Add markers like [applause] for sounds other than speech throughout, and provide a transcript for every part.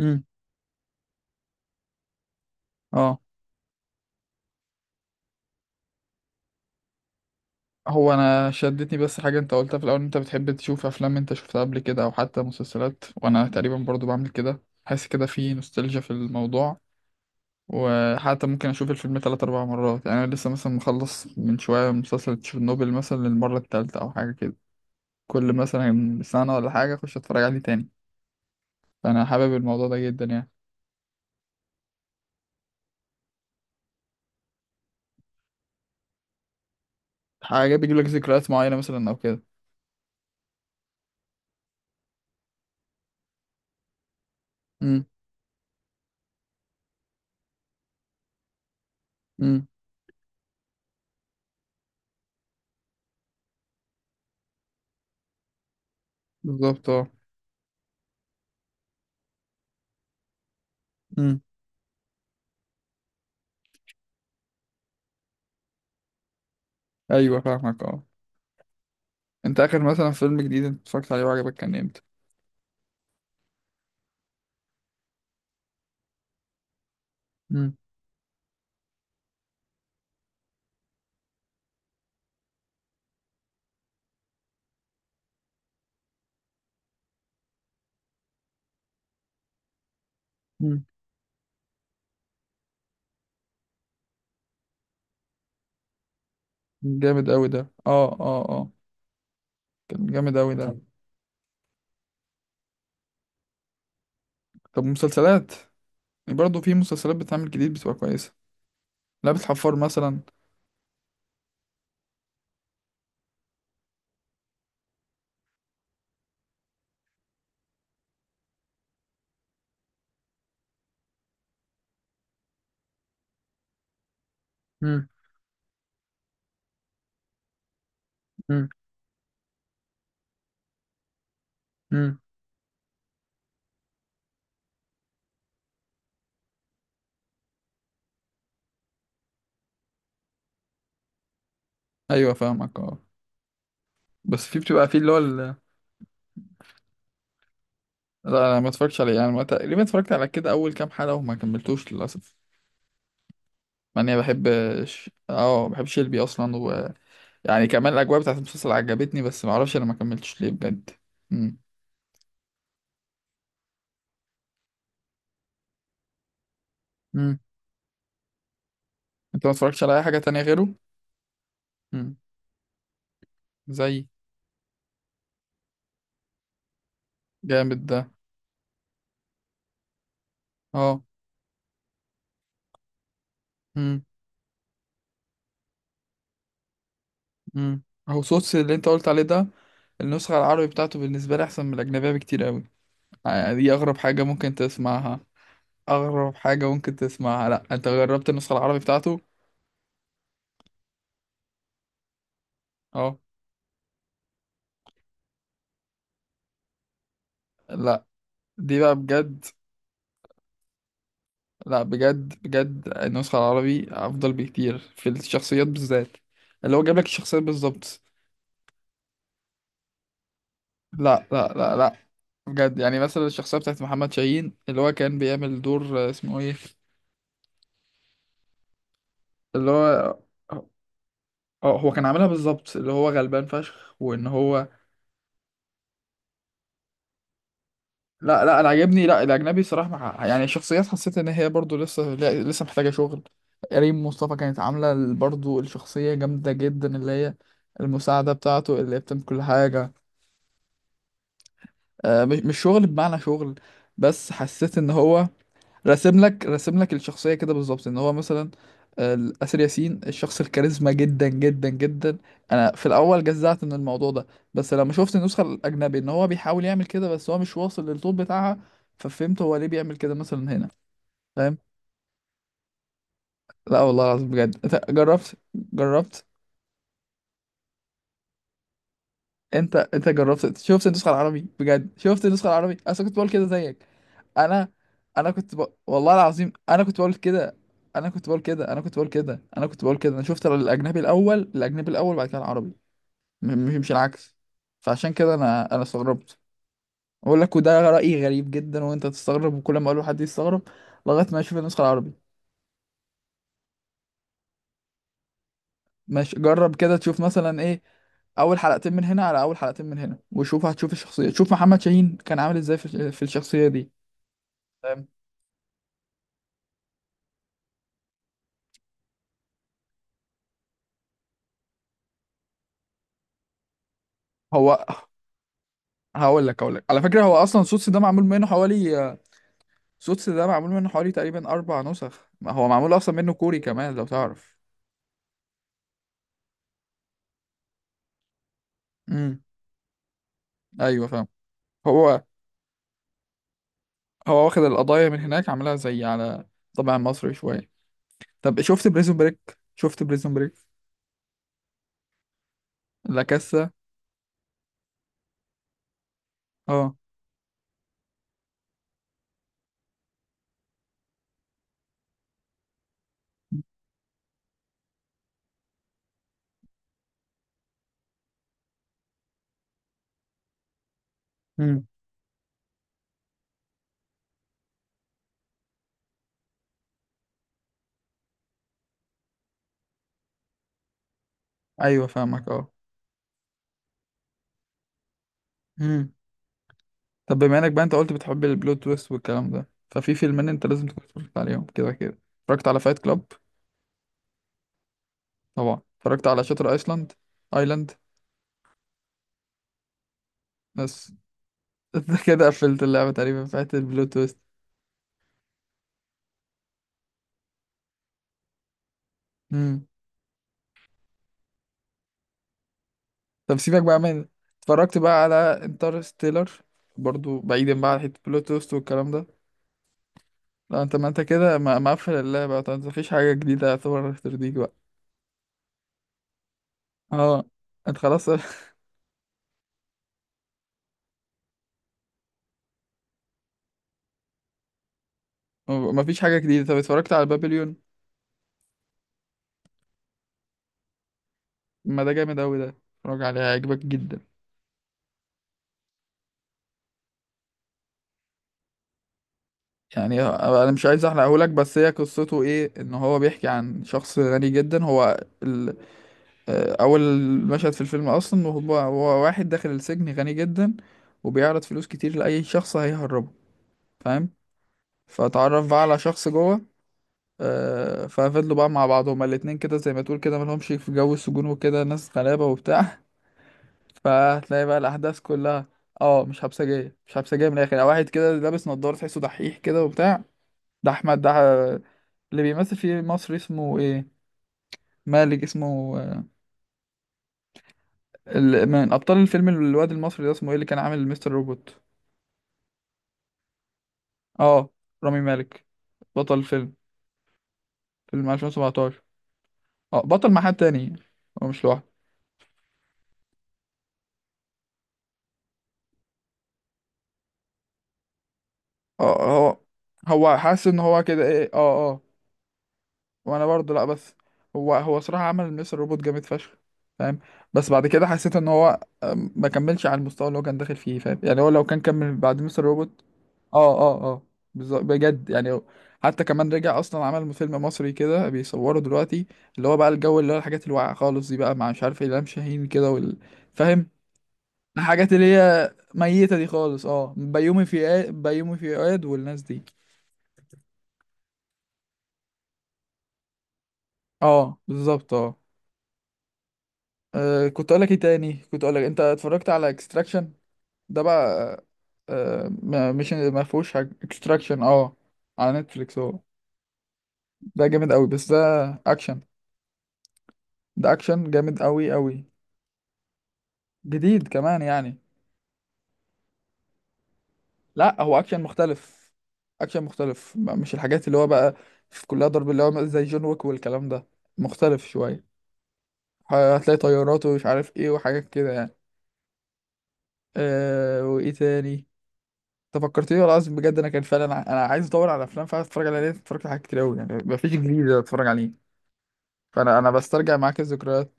امم. اه. هو انا شدتني بس حاجه انت قلتها في الاول، إن انت بتحب تشوف افلام انت شفتها قبل كده او حتى مسلسلات، وانا تقريبا برضو بعمل كده، حاسس كده في نوستالجيا في الموضوع، وحتى ممكن اشوف الفيلم 3 4 مرات يعني. انا لسه مثلا مخلص من شويه مسلسل تشيرنوبل مثلا للمره التالتة او حاجه كده، كل مثلا سنه ولا حاجه اخش اتفرج عليه تاني. فانا حابب الموضوع ده جدا يعني. حاجه بيجيب لك ذكريات معينه مثلا او كده. امم. امم. بالظبط، اه. امم. ايوه فاهمك، اه. انت اخر مثلا فيلم جديد انت اتفرجت عليه وعجبك كان امتى؟ مم. مم. جامد قوي ده. اه اه اه. كان جامد قوي ده. طب مسلسلات، برضه في مسلسلات بتعمل جديد بتبقى كويسة. لعبة الحفار مثلا. مم. مم. مم. ايوه فاهمك، اه. بس في بتبقى في اللي هو لا، انا ما اتفرجتش عليه يعني، ما تقريبا اتفرجت على كده اول كام حلقة وما كملتوش للاسف. مع اني بحب، اه بحب شيلبي اصلا و... يعني كمان الاجواء بتاعت المسلسل عجبتني، بس ما اعرفش انا ما كملتش ليه بجد. مم. مم. انت ما اتفرجتش على اي حاجة تانية غيره؟ مم. زي، جامد ده. اه. مم. مم. اهو صوص اللي انت قلت عليه ده، النسخة العربي بتاعته بالنسبة لي أحسن من الأجنبية بكتير قوي. دي أغرب حاجة ممكن تسمعها. أغرب حاجة ممكن تسمعها. لأ، أنت جربت النسخة العربي بتاعته؟ أه. لأ، دي بقى بجد. لأ بجد بجد، النسخة العربي أفضل بكتير في الشخصيات بالذات، اللي هو جاب لك الشخصيات بالظبط. لأ لأ لأ لأ، بجد يعني مثلا الشخصية بتاعت محمد شاهين اللي هو كان بيعمل دور، اسمه إيه؟ اللي هو اه، هو كان عاملها بالظبط، اللي هو غلبان فشخ وان هو. لا لا، انا عاجبني، لا الاجنبي صراحه مع... يعني شخصيات حسيت ان هي برضو لسه، لسه محتاجه شغل. ريم مصطفى كانت عامله برضو الشخصيه جامده جدا، اللي هي المساعده بتاعته اللي هي بتعمل كل حاجه. آه، مش شغل بمعنى شغل، بس حسيت ان هو راسم لك راسم لك الشخصية كده بالظبط، ان هو مثلا، آسر ياسين الشخص الكاريزما جدا جدا جدا. انا في الاول جزعت من الموضوع ده، بس لما شفت النسخة الاجنبي ان هو بيحاول يعمل كده بس هو مش واصل للطول بتاعها، ففهمت هو ليه بيعمل كده مثلا هنا. فاهم. لا والله العظيم بجد، انت جربت؟ جربت؟ انت انت جربت؟ شفت النسخة العربي بجد؟ شفت النسخة العربي؟ انا كنت بقول كده زيك. انا انا كنت ب... والله العظيم انا كنت بقول كده. انا كنت بقول كده، انا كنت بقول كده، انا كنت بقول كده، انا شفت الاجنبي الاول، الاجنبي الاول بعد كده العربي، مش العكس. فعشان كده انا استغربت. اقول لك، وده رايي غريب جدا، وانت تستغرب، وكل ما اقول لحد يستغرب لغايه ما يشوف النسخه العربي. ماشي، جرب كده تشوف مثلا ايه، اول حلقتين من هنا على اول حلقتين من هنا وشوف، هتشوف الشخصيه، شوف محمد شاهين كان عامل ازاي في الشخصيه دي. فاهم. هو هقول لك، هقول لك على فكره، هو اصلا سوتس ده معمول منه حوالي، سوتس ده معمول منه حوالي تقريبا 4 نسخ، ما هو معمول أصلا منه كوري كمان لو تعرف. امم. أيوه فاهم. هو هو واخد القضايا من هناك عاملها، زي على طبع مصري شوية. طب شفت بريزون بريك؟ شفت بريزون بريك؟ لا كاسا. اه. امم. أيوه فاهمك، اه. امم. طب بما إنك بقى أنت قلت بتحب البلوت تويست والكلام ده، ففي فيلمين أنت لازم تكون اتفرجت عليهم كده كده. اتفرجت على فايت كلاب؟ طبعا. اتفرجت على شاتر أيسلاند، أيلاند؟ بس [laughs] كده قفلت اللعبة تقريبا بتاعت البلوت تويست. طب سيبك بقى من، اتفرجت بقى على انترستيلر، برضو بعيدا بقى عن حته بلوت توست والكلام ده؟ لا، انت، ما انت كده مقفل اللعبه بقى. طب مفيش حاجه جديده يعتبر ترضيك بقى؟ اه، انت خلاص [laughs] مفيش حاجه جديده، طب اتفرجت على بابليون؟ ما ده جامد اوي ده، اتفرج عليه هيعجبك جدا. يعني انا مش عايز احرقهولك، بس هي قصته ايه، ان هو بيحكي عن شخص غني جدا، هو ال... اول مشهد في الفيلم اصلا، وهو، هو واحد داخل السجن غني جدا، وبيعرض فلوس كتير لاي شخص هيهرب. فاهم. فاتعرف بقى على شخص جوه، ففضلوا بقى مع بعض هما الاتنين كده، زي ما تقول كده ملهمش، في جو السجون وكده، ناس غلابة وبتاع. [laughs] فهتلاقي بقى الأحداث كلها. اه، مش حبسجية، مش حبسجية من الآخر يعني. واحد كده لابس نضارة تحسه دحيح كده وبتاع، ده أحمد ده، اللي بيمثل في مصر اسمه ايه، مالك، اسمه من أبطال الفيلم، الواد المصري ده اسمه ايه اللي كان عامل مستر روبوت؟ اه، رامي مالك. بطل الفيلم، فيلم 2017. اه، بطل مع حد تاني، هو مش لوحده. اه، هو حاسس ان هو كده ايه، اه. اه. وانا برضه، لا بس هو صراحة عمل مستر روبوت جامد فشخ. فاهم. بس بعد كده حسيت ان هو، ما كملش على المستوى اللي هو كان داخل فيه. فاهم يعني، هو لو كان كمل بعد مستر روبوت. اه اه اه، بالظبط بجد، يعني هو- حتى كمان رجع اصلا عمل فيلم مصري كده بيصوره دلوقتي، اللي هو بقى الجو اللي هو الحاجات الواقعة خالص دي بقى، مع مش عارف إلهام شاهين كده وال... فاهم. الحاجات اللي هي ميتة دي خالص، اه، بيومي فؤاد، بيومي فؤاد والناس دي. اه بالظبط، اه. كنت اقول لك ايه تاني، كنت اقول لك انت اتفرجت على اكستراكشن؟ ده بقى، مش ما فيهوش حاجه اكستراكشن، اه، على نتفليكس هو، ده جامد قوي بس ده اكشن، ده اكشن جامد قوي قوي. جديد كمان يعني. لا، هو اكشن مختلف، اكشن مختلف، مش الحاجات اللي هو بقى في كلها ضرب اللي هو زي جون ويك والكلام ده. مختلف شويه، هتلاقي طيارات ومش عارف ايه وحاجات كده يعني. أه، وايه تاني، انت فكرتني والله العظيم بجد، انا كان فعلا انا عايز ادور على افلام فعلا اتفرج عليها، لان اتفرجت على حاجات كتير قوي يعني، مفيش جديد اتفرج عليه. فانا انا بسترجع معاك الذكريات.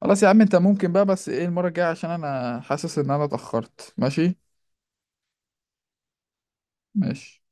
خلاص يا عم، انت ممكن بقى بس ايه المره الجايه، عشان انا حاسس ان انا اتاخرت. ماشي. ماشي.